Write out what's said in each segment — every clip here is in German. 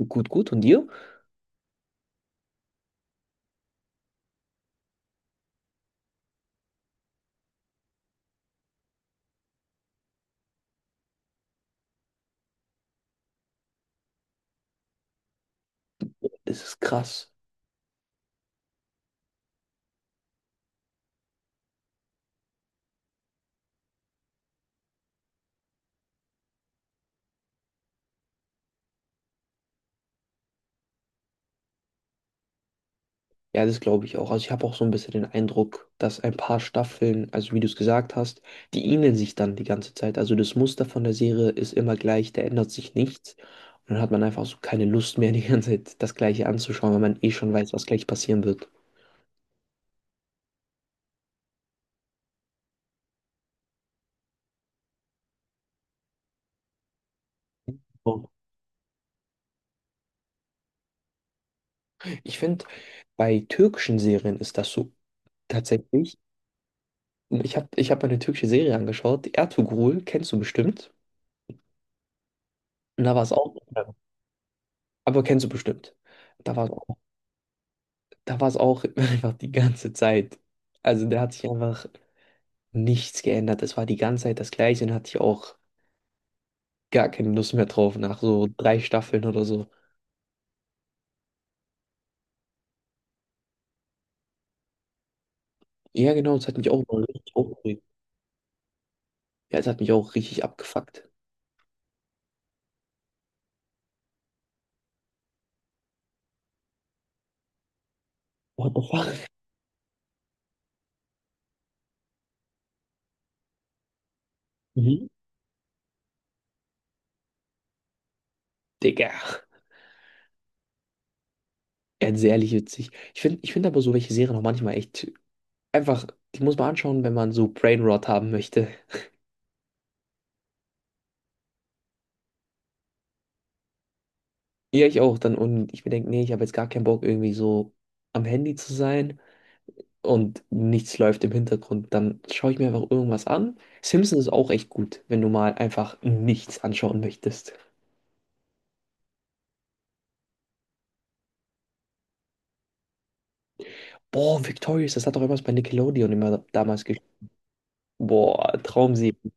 Gut, gut. Und dir? Das ist krass. Ja, das glaube ich auch. Also ich habe auch so ein bisschen den Eindruck, dass ein paar Staffeln, also wie du es gesagt hast, die ähneln sich dann die ganze Zeit. Also das Muster von der Serie ist immer gleich, da ändert sich nichts. Und dann hat man einfach so keine Lust mehr, die ganze Zeit das Gleiche anzuschauen, weil man eh schon weiß, was gleich passieren wird. So. Ich finde, bei türkischen Serien ist das so tatsächlich. Ich hab eine türkische Serie angeschaut, Ertugrul, kennst du bestimmt. Und da war es auch, aber kennst du bestimmt. Da war es da war es auch einfach die ganze Zeit. Also da hat sich einfach nichts geändert. Es war die ganze Zeit das Gleiche und hatte ich auch gar keine Lust mehr drauf nach so drei Staffeln oder so. Ja, genau, es hat mich auch mal richtig aufgeregt. Ja, es hat mich auch richtig abgefuckt. What the fuck? Mhm. Digga. Ja, das ist ehrlich witzig. Ich find aber so welche Serien auch manchmal echt einfach, die muss man anschauen, wenn man so Brain Rot haben möchte. Ja, ich auch dann. Und ich mir denke, nee, ich habe jetzt gar keinen Bock, irgendwie so am Handy zu sein. Und nichts läuft im Hintergrund, dann schaue ich mir einfach irgendwas an. Simpsons ist auch echt gut, wenn du mal einfach nichts anschauen möchtest. Boah, Victorious, das hat doch immer bei Nickelodeon immer damals gespielt. Boah, Traumserie.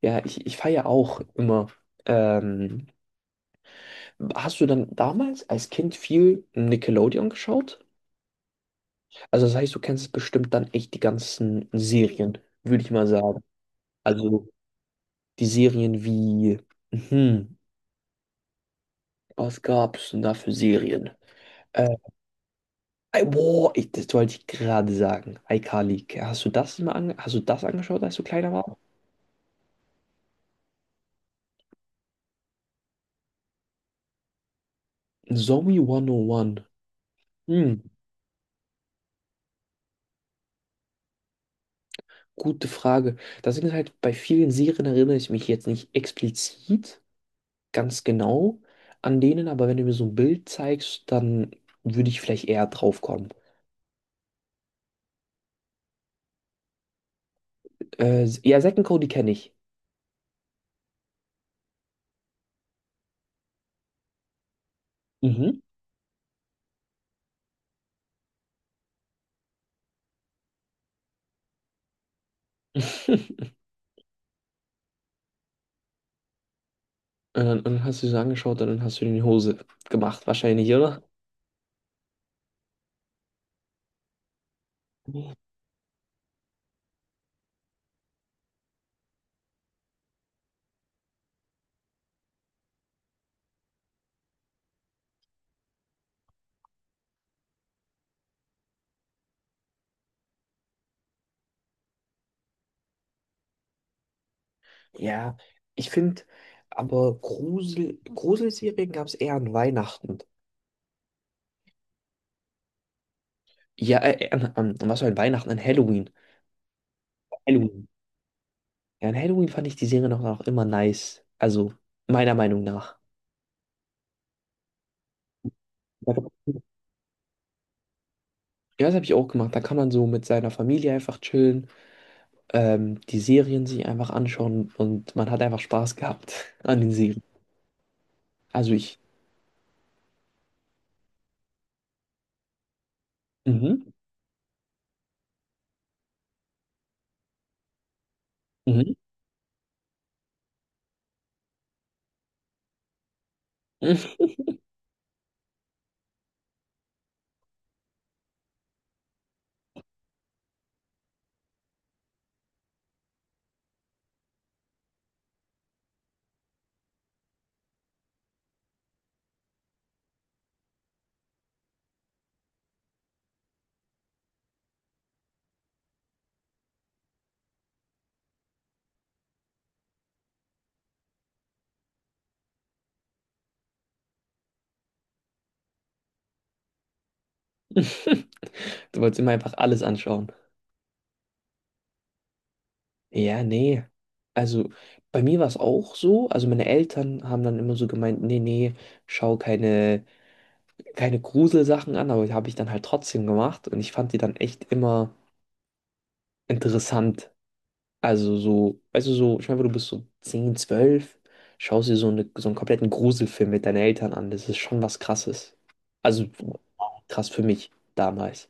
Ja, ich feiere auch immer. Ähm, Hast du dann damals als Kind viel Nickelodeon geschaut? Also das heißt, du kennst bestimmt dann echt die ganzen Serien, würde ich mal sagen. Also die Serien wie, hm, was gab's denn da für Serien? Äh, Ey, Boah, das wollte ich gerade sagen. iCarly, hast du das mal ange hast du das angeschaut, als du kleiner warst? Zombie 101. Hm, gute Frage. Das Ding ist halt, bei vielen Serien erinnere ich mich jetzt nicht explizit ganz genau an denen, aber wenn du mir so ein Bild zeigst, dann würde ich vielleicht eher drauf kommen. Ja, Zack und Cody kenne ich. Mhm. Und dann hast du sie so angeschaut und dann hast du dir in die Hose gemacht, wahrscheinlich, oder? Ja, ich finde, aber Gruselserien gab es eher an Weihnachten. Ja, was war an Weihnachten? An Halloween. Halloween. Ja, an Halloween fand ich die Serie noch immer nice. Also, meiner Meinung nach. Ja, das habe ich auch gemacht. Da kann man so mit seiner Familie einfach chillen, die Serien sich einfach anschauen und man hat einfach Spaß gehabt an den Serien. Also ich. Mhm. Mhm. Du wolltest immer einfach alles anschauen. Ja, nee. Also bei mir war es auch so. Also meine Eltern haben dann immer so gemeint, nee, nee, schau keine Gruselsachen an, aber die habe ich dann halt trotzdem gemacht und ich fand die dann echt immer interessant. Also so, weißt du, so, ich meine, du bist so 10 12 schaust dir so, so einen kompletten Gruselfilm mit deinen Eltern an. Das ist schon was Krasses. Also krass für mich damals.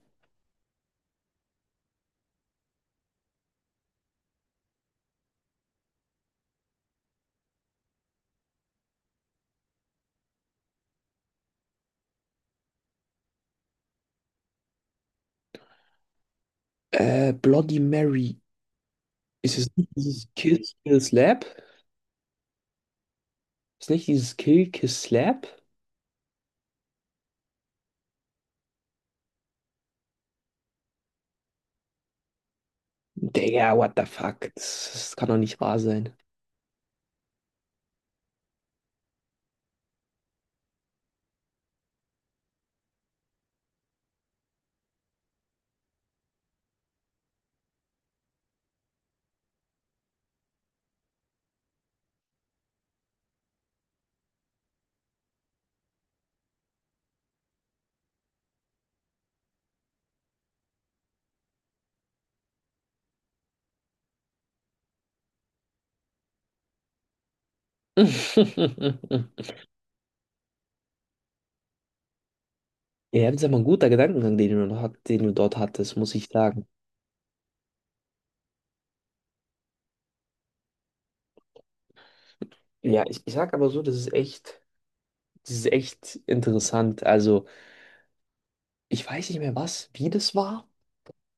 Bloody Mary. Ist es nicht dieses Kill, Kill, Slap? Ist nicht dieses Kill, Kiss, Slap? Digga, what the fuck? Das kann doch nicht wahr sein. Ja, das ist aber ein guter Gedankengang, den du dort hattest, muss ich sagen. Ja, ich sag aber so, das ist echt interessant. Also, ich weiß nicht mehr was, wie das war,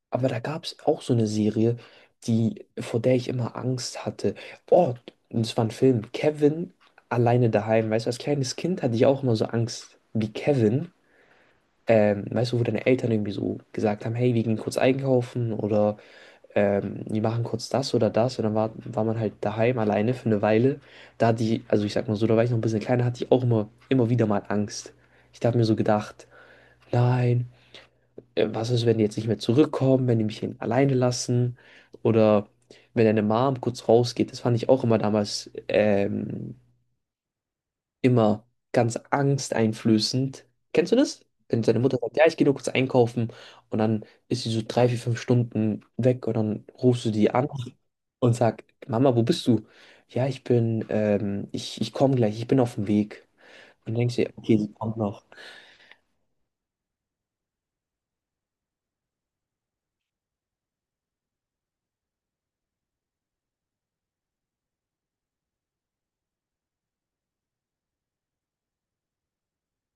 aber da gab es auch so eine Serie, die, vor der ich immer Angst hatte. Oh, das war ein Film. Kevin alleine daheim. Weißt du, als kleines Kind hatte ich auch immer so Angst wie Kevin. Weißt du, wo deine Eltern irgendwie so gesagt haben, hey, wir gehen kurz einkaufen oder wir machen kurz das oder das. Und dann war man halt daheim alleine für eine Weile. Da hat die, also ich sag mal so, da war ich noch ein bisschen kleiner, hatte ich auch immer, immer wieder mal Angst. Ich habe mir so gedacht, nein, was ist, wenn die jetzt nicht mehr zurückkommen, wenn die mich hier alleine lassen oder wenn deine Mom kurz rausgeht. Das fand ich auch immer damals immer ganz angsteinflößend. Kennst du das? Wenn seine Mutter sagt, ja, ich gehe nur kurz einkaufen und dann ist sie so 3, 4, 5 Stunden weg und dann rufst du die an und sagst, Mama, wo bist du? Ja, ich bin, ich komme gleich, ich bin auf dem Weg. Und denkst dir, okay, sie kommt noch.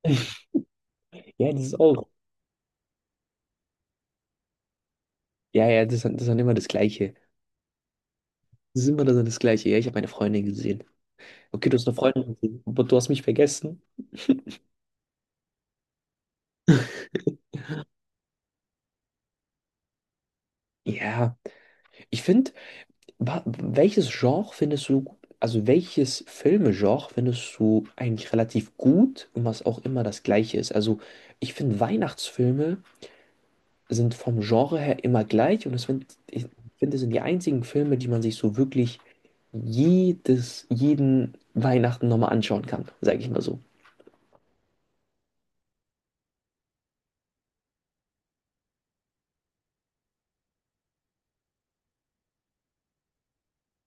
Ja, das ist auch. Ja, ja, das ist dann immer das Gleiche. Das ist immer dann das Gleiche. Ja, ich habe meine Freundin gesehen. Okay, du hast eine Freundin gesehen, aber du hast mich vergessen. Ja, ich finde, Welches Genre findest du, also welches Filmegenre findest du eigentlich relativ gut und was auch immer das gleiche ist? Also ich finde Weihnachtsfilme sind vom Genre her immer gleich und es sind, ich finde, es sind die einzigen Filme, die man sich so wirklich jeden Weihnachten nochmal anschauen kann, sage ich mal so.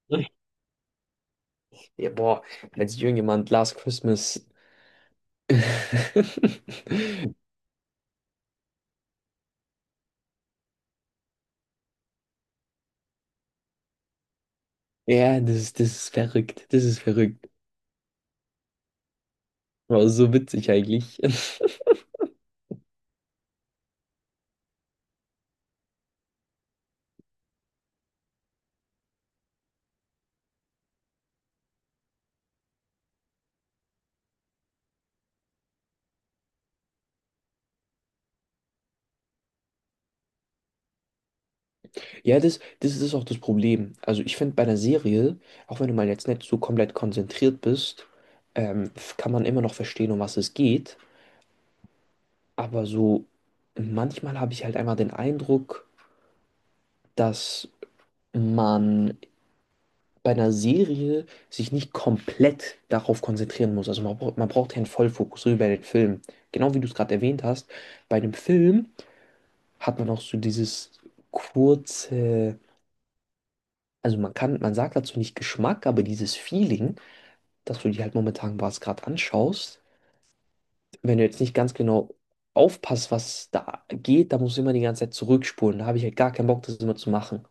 Ja, boah, als irgendjemand Last Christmas. Ja, das ist verrückt, das ist verrückt. Aber so witzig eigentlich. Ja, das ist auch das Problem. Also ich finde bei einer Serie, auch wenn du mal jetzt nicht so komplett konzentriert bist, kann man immer noch verstehen, um was es geht. Aber so manchmal habe ich halt einmal den Eindruck, dass man bei einer Serie sich nicht komplett darauf konzentrieren muss. Also man braucht ja einen Vollfokus, so wie bei den Filmen. Genau wie du es gerade erwähnt hast, bei einem Film hat man auch so dieses kurze, also man kann, man sagt dazu nicht Geschmack, aber dieses Feeling dass du dir halt momentan was gerade anschaust. Wenn du jetzt nicht ganz genau aufpasst, was da geht, da musst du immer die ganze Zeit zurückspulen. Da habe ich halt gar keinen Bock, das immer zu machen.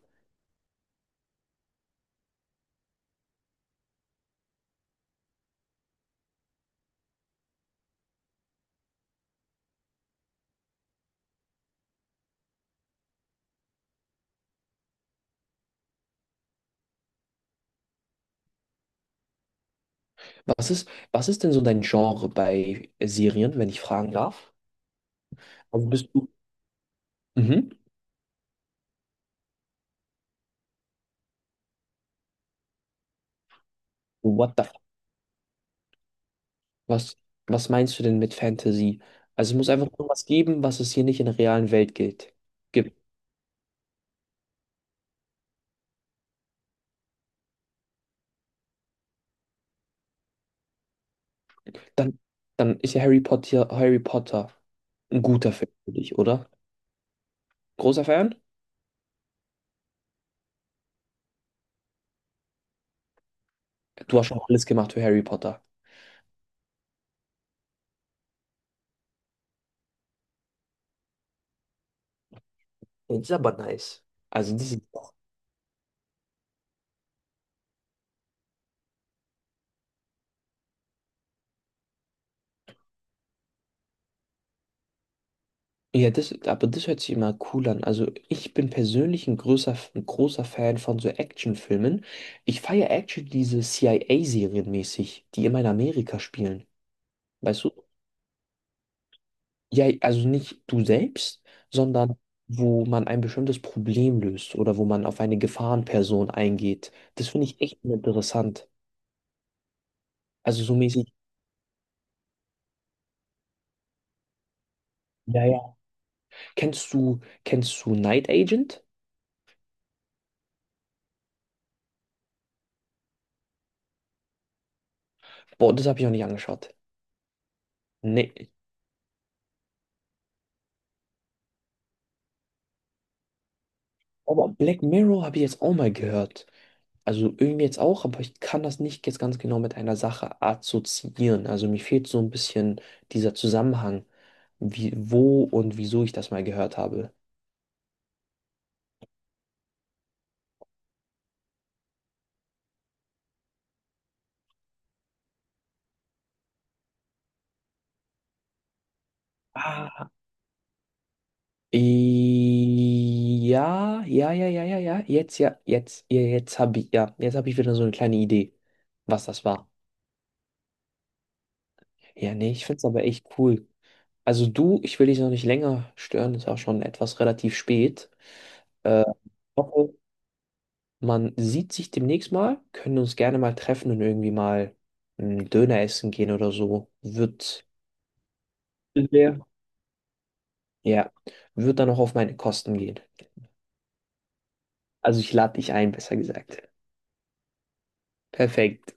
Was ist denn so dein Genre bei Serien, wenn ich fragen darf? Also bist du. Mhm. What the Was, was meinst du denn mit Fantasy? Also es muss einfach irgendwas geben, was es hier nicht in der realen Welt gibt. Dann, dann ist ja Harry Potter, Harry Potter ein guter Film für dich, oder? Großer Fan? Du hast schon alles gemacht für Harry Potter. Ja, das ist aber nice. Also das, ja, aber das hört sich immer cool an. Also ich bin persönlich ein großer Fan von so Actionfilmen. Ich feiere Action diese CIA-Serien mäßig, die immer in Amerika spielen. Weißt du? Ja, also nicht du selbst, sondern wo man ein bestimmtes Problem löst oder wo man auf eine Gefahrenperson eingeht. Das finde ich echt interessant. Also so mäßig. Ja, ja. Kennst du, kennst du Night Agent? Boah, das habe ich noch nicht angeschaut. Nee. Aber Black Mirror habe ich jetzt auch mal gehört. Also irgendwie jetzt auch, aber ich kann das nicht jetzt ganz genau mit einer Sache assoziieren. Also mir fehlt so ein bisschen dieser Zusammenhang, wie, wo und wieso ich das mal gehört habe. Ah, ja, ja, ja, ja, ja, ja, jetzt, ja, jetzt, ja, jetzt habe ich, ja, jetzt habe ich wieder so eine kleine Idee, was das war. Ja, nee, ich finde es aber echt cool. Also du, ich will dich noch nicht länger stören, ist auch schon etwas relativ spät. Äh, Man sieht sich demnächst mal, können uns gerne mal treffen und irgendwie mal einen Döner essen gehen oder so. Wird, Ja. Ja, wird dann auch auf meine Kosten gehen. Also ich lade dich ein, besser gesagt. Perfekt,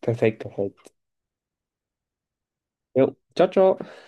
perfekt, perfekt. Jo, ciao, ciao.